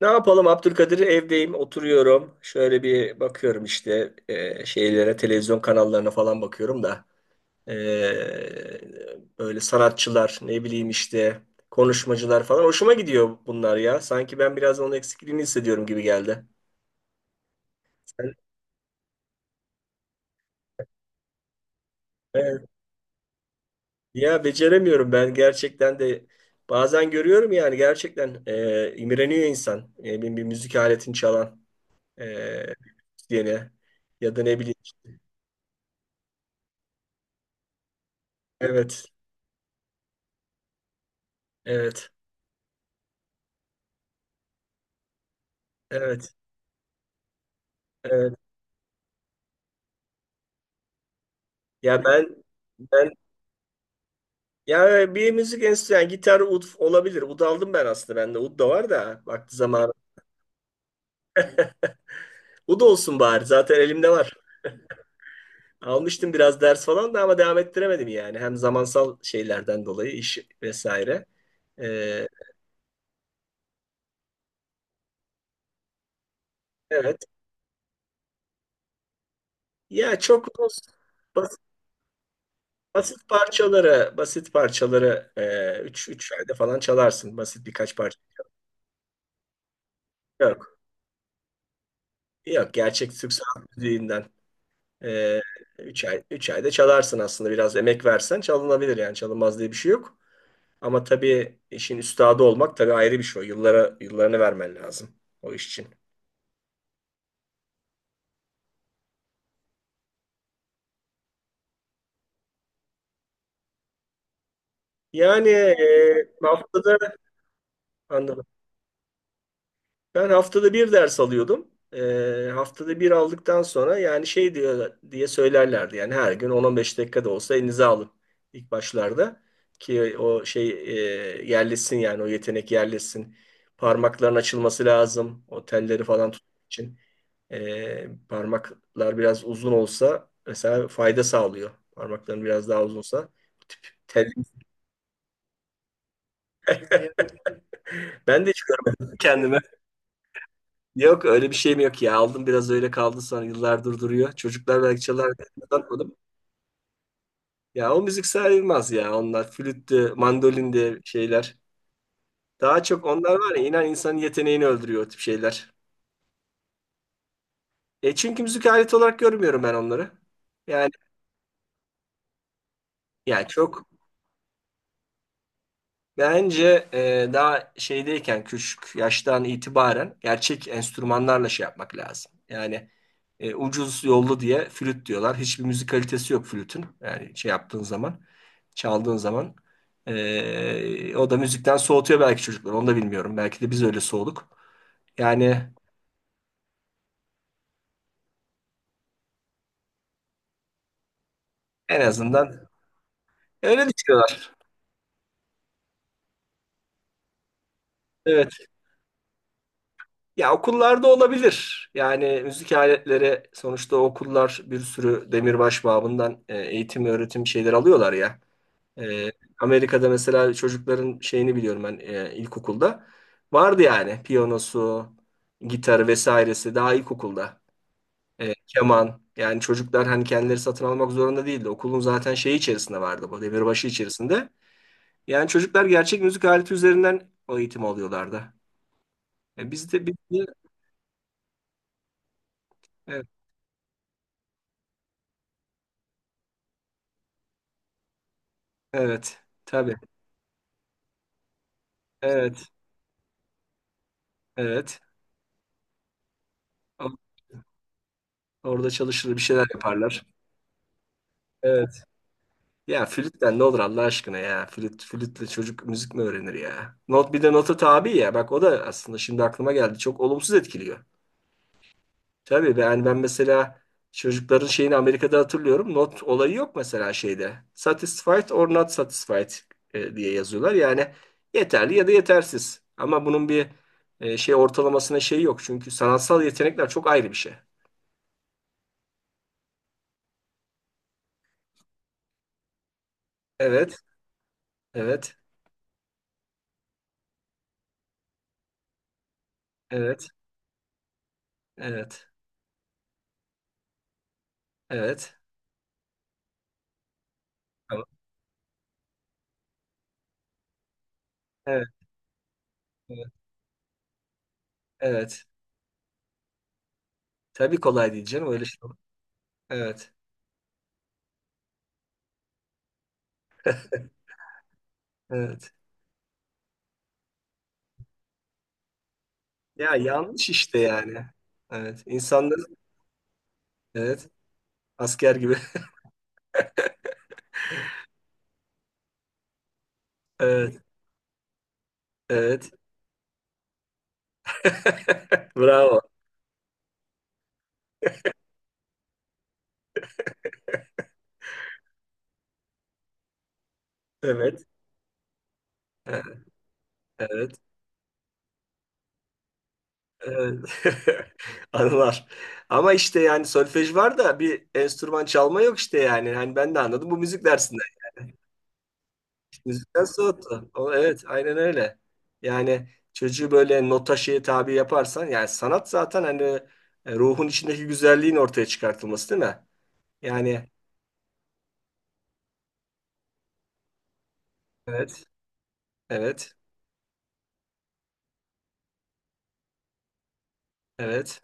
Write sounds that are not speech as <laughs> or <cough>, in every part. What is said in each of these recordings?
Ne yapalım Abdülkadir? Evdeyim, oturuyorum. Şöyle bir bakıyorum işte şeylere, televizyon kanallarına falan bakıyorum da e, böyle sanatçılar, ne bileyim işte konuşmacılar falan hoşuma gidiyor bunlar ya. Sanki ben biraz onun eksikliğini hissediyorum gibi geldi. Sen- Evet. Ya beceremiyorum ben gerçekten de bazen görüyorum yani gerçekten imreniyor insan. Bir müzik aletini çalan e, diyene ya da ne bileyim işte. Evet, evet, evet. Evet. Ya ben ben ya bir müzik enstrümanı yani gitar ud olabilir. Ud aldım ben aslında. Bende ud da var da vakti zamanı. Ud olsun bari. Zaten elimde var. Almıştım biraz ders falan da ama devam ettiremedim yani. Hem zamansal şeylerden dolayı iş vesaire. Ee, evet. Ya çok bas- basit, basit parçaları üç ayda falan çalarsın. Basit birkaç parça. Yok. Yok. Gerçek Türk sanat müziğinden. Ee, üç ayda çalarsın aslında biraz emek versen çalınabilir yani çalınmaz diye bir şey yok. Ama tabii işin üstadı olmak tabii ayrı bir şey. O yıllarını vermen lazım o iş için. Yani e, haftada Ben haftada bir ders alıyordum. Haftada bir aldıktan sonra yani şey diyor diye söylerlerdi. Yani her gün 10, 15 dakika da olsa elinize alın ilk başlarda. Ki o şey yerleşsin yani o yetenek yerleşsin. Parmakların açılması lazım. O telleri falan tutmak için. Parmaklar biraz uzun olsa mesela fayda sağlıyor. Parmakların biraz daha uzunsa. Bu tip tel. <laughs> Ben de çok kendime. Yok öyle bir şeyim yok ya. Aldım biraz öyle kaldı sonra yıllardır duruyor. Çocuklar belki çalar diye uzatmadım. Ya o müzik sayılmaz ya. Onlar flüttü, mandolindi şeyler. Daha çok onlar var ya, inan insanın yeteneğini öldürüyor o tip şeyler. E çünkü müzik aleti olarak görmüyorum ben onları. Yani çok bence daha şeydeyken küçük yaştan itibaren gerçek enstrümanlarla şey yapmak lazım. Yani ucuz yollu diye flüt diyorlar. Hiçbir müzik kalitesi yok flütün. Yani şey yaptığın zaman, çaldığın zaman. O da müzikten soğutuyor belki çocukları. Onu da bilmiyorum. Belki de biz öyle soğuduk. Yani en azından öyle düşünüyorlar. Evet. Ya okullarda olabilir. Yani müzik aletleri sonuçta okullar bir sürü demirbaş babından eğitim öğretim şeyler alıyorlar ya. E, Amerika'da mesela çocukların şeyini biliyorum ben ilkokulda. Vardı yani piyanosu, gitarı vesairesi daha ilkokulda. Keman yani çocuklar hani kendileri satın almak zorunda değildi. Okulun zaten şeyi içerisinde vardı, bu demirbaşı içerisinde. Yani çocuklar gerçek müzik aleti üzerinden o eğitim alıyorlardı. Biz de evet, evet tabii. Evet, evet. O- Orada çalışır bir şeyler yaparlar. Evet. Ya flütten ne olur Allah aşkına ya. Flüt, flütle çocuk müzik mi öğrenir ya? Not, bir de nota tabi ya. Bak o da aslında şimdi aklıma geldi. Çok olumsuz etkiliyor. Tabii ben mesela çocukların şeyini Amerika'da hatırlıyorum. Not olayı yok mesela şeyde. Satisfied or not satisfied diye yazıyorlar. Yani yeterli ya da yetersiz. Ama bunun bir şey ortalamasına şey yok. Çünkü sanatsal yetenekler çok ayrı bir şey. Evet, evet, evet. Evet. Evet. Tamam. Evet. Evet. Evet. Tabii kolay değil canım öyle şey olur. Evet. Evet. Ya yanlış işte yani. Evet. İnsanlar, evet. Asker gibi. <laughs> Evet. Evet. <laughs> Bravo. Evet. Evet. Evet. Evet. <laughs> Anılar. Ama işte yani solfej var da bir enstrüman çalma yok işte yani. Hani ben de anladım bu müzik dersinden. Müzikten soğuttu. O, evet, aynen öyle. Yani çocuğu böyle nota şeye tabi yaparsan, yani sanat zaten hani ruhun içindeki güzelliğin ortaya çıkartılması değil mi? Yani evet, evet, evet.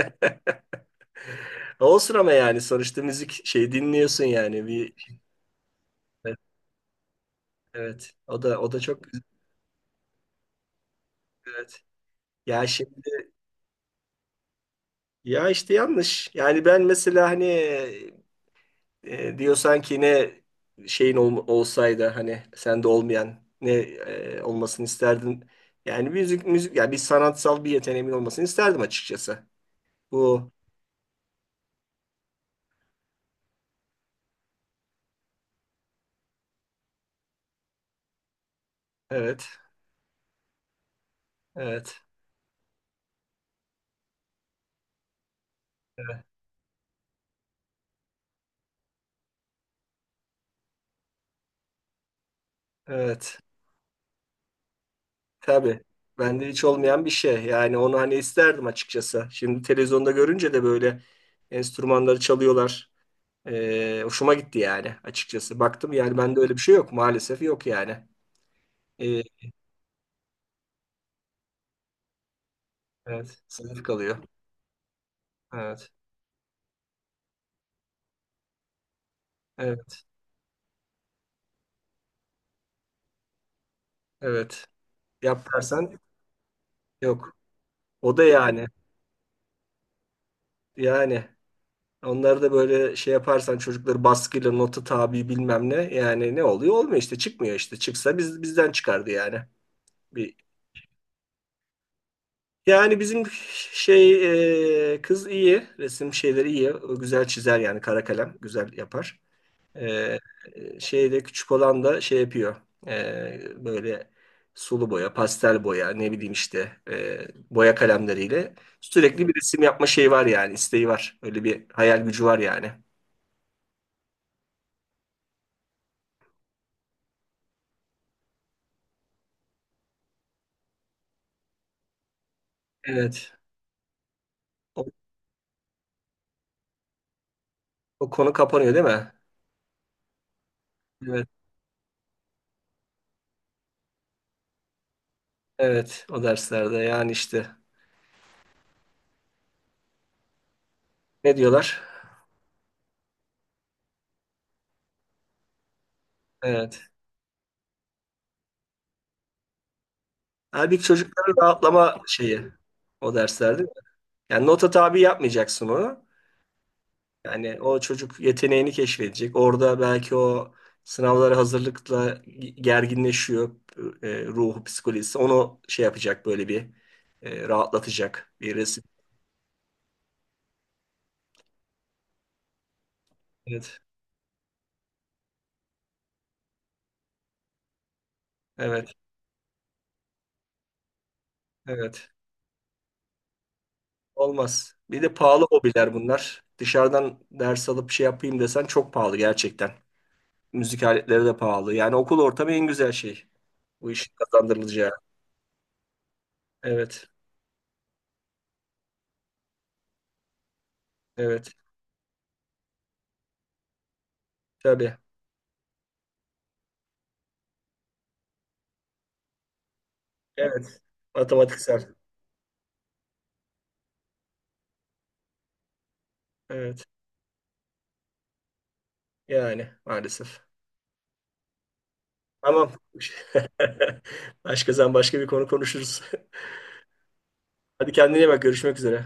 <laughs> Olsun ama yani sonuçta müzik şey dinliyorsun yani bir evet, evet. O da çok güzel. Evet. Ya şimdi ya işte yanlış. Yani ben mesela hani diyorsan ki ne şeyin olsaydı hani sende olmayan ne olmasını isterdin? Yani müzik yani bir sanatsal bir yeteneğimin olmasını isterdim açıkçası. Bu evet, evet, evet, evet, tabii, bende hiç olmayan bir şey yani onu hani isterdim açıkçası. Şimdi televizyonda görünce de böyle enstrümanları çalıyorlar. Hoşuma gitti yani açıkçası. Baktım yani bende öyle bir şey yok maalesef, yok yani. E, evet sınır kalıyor. Evet. Evet. Evet. Yap dersen yok. O da yani. Yani onları da böyle şey yaparsan çocukları baskıyla nota tabi bilmem ne, yani ne oluyor? Olmuyor işte, çıkmıyor işte. Çıksa bizden çıkardı yani. Bir yani bizim şey, kız iyi. Resim şeyleri iyi. O güzel çizer yani, kara kalem güzel yapar. Ee, şeyde küçük olan da şey yapıyor. Böyle sulu boya, pastel boya, ne bileyim işte boya kalemleriyle sürekli bir resim yapma şeyi var yani, isteği var. Öyle bir hayal gücü var yani. Evet. O, o konu kapanıyor değil mi? Evet. Evet. O derslerde yani işte ne diyorlar? Evet. Halbuki çocukların rahatlama şeyi o derslerde. Yani nota tabi yapmayacaksın onu. Yani o çocuk yeteneğini keşfedecek. Orada belki o sınavlara hazırlıkla gerginleşiyor ruhu, psikolojisi. Onu şey yapacak böyle bir rahatlatacak bir resim. Evet, evet, evet. Olmaz. Bir de pahalı hobiler bunlar. Dışarıdan ders alıp şey yapayım desen çok pahalı gerçekten. Müzik aletleri de pahalı. Yani okul ortamı en güzel şey. Bu işin kazandırılacağı. Evet, evet. Tabii. Evet. Matematiksel. Evet. Yani maalesef. Tamam. <laughs> Başka zaman başka bir konu konuşuruz. <laughs> Hadi kendine iyi bak. Görüşmek üzere.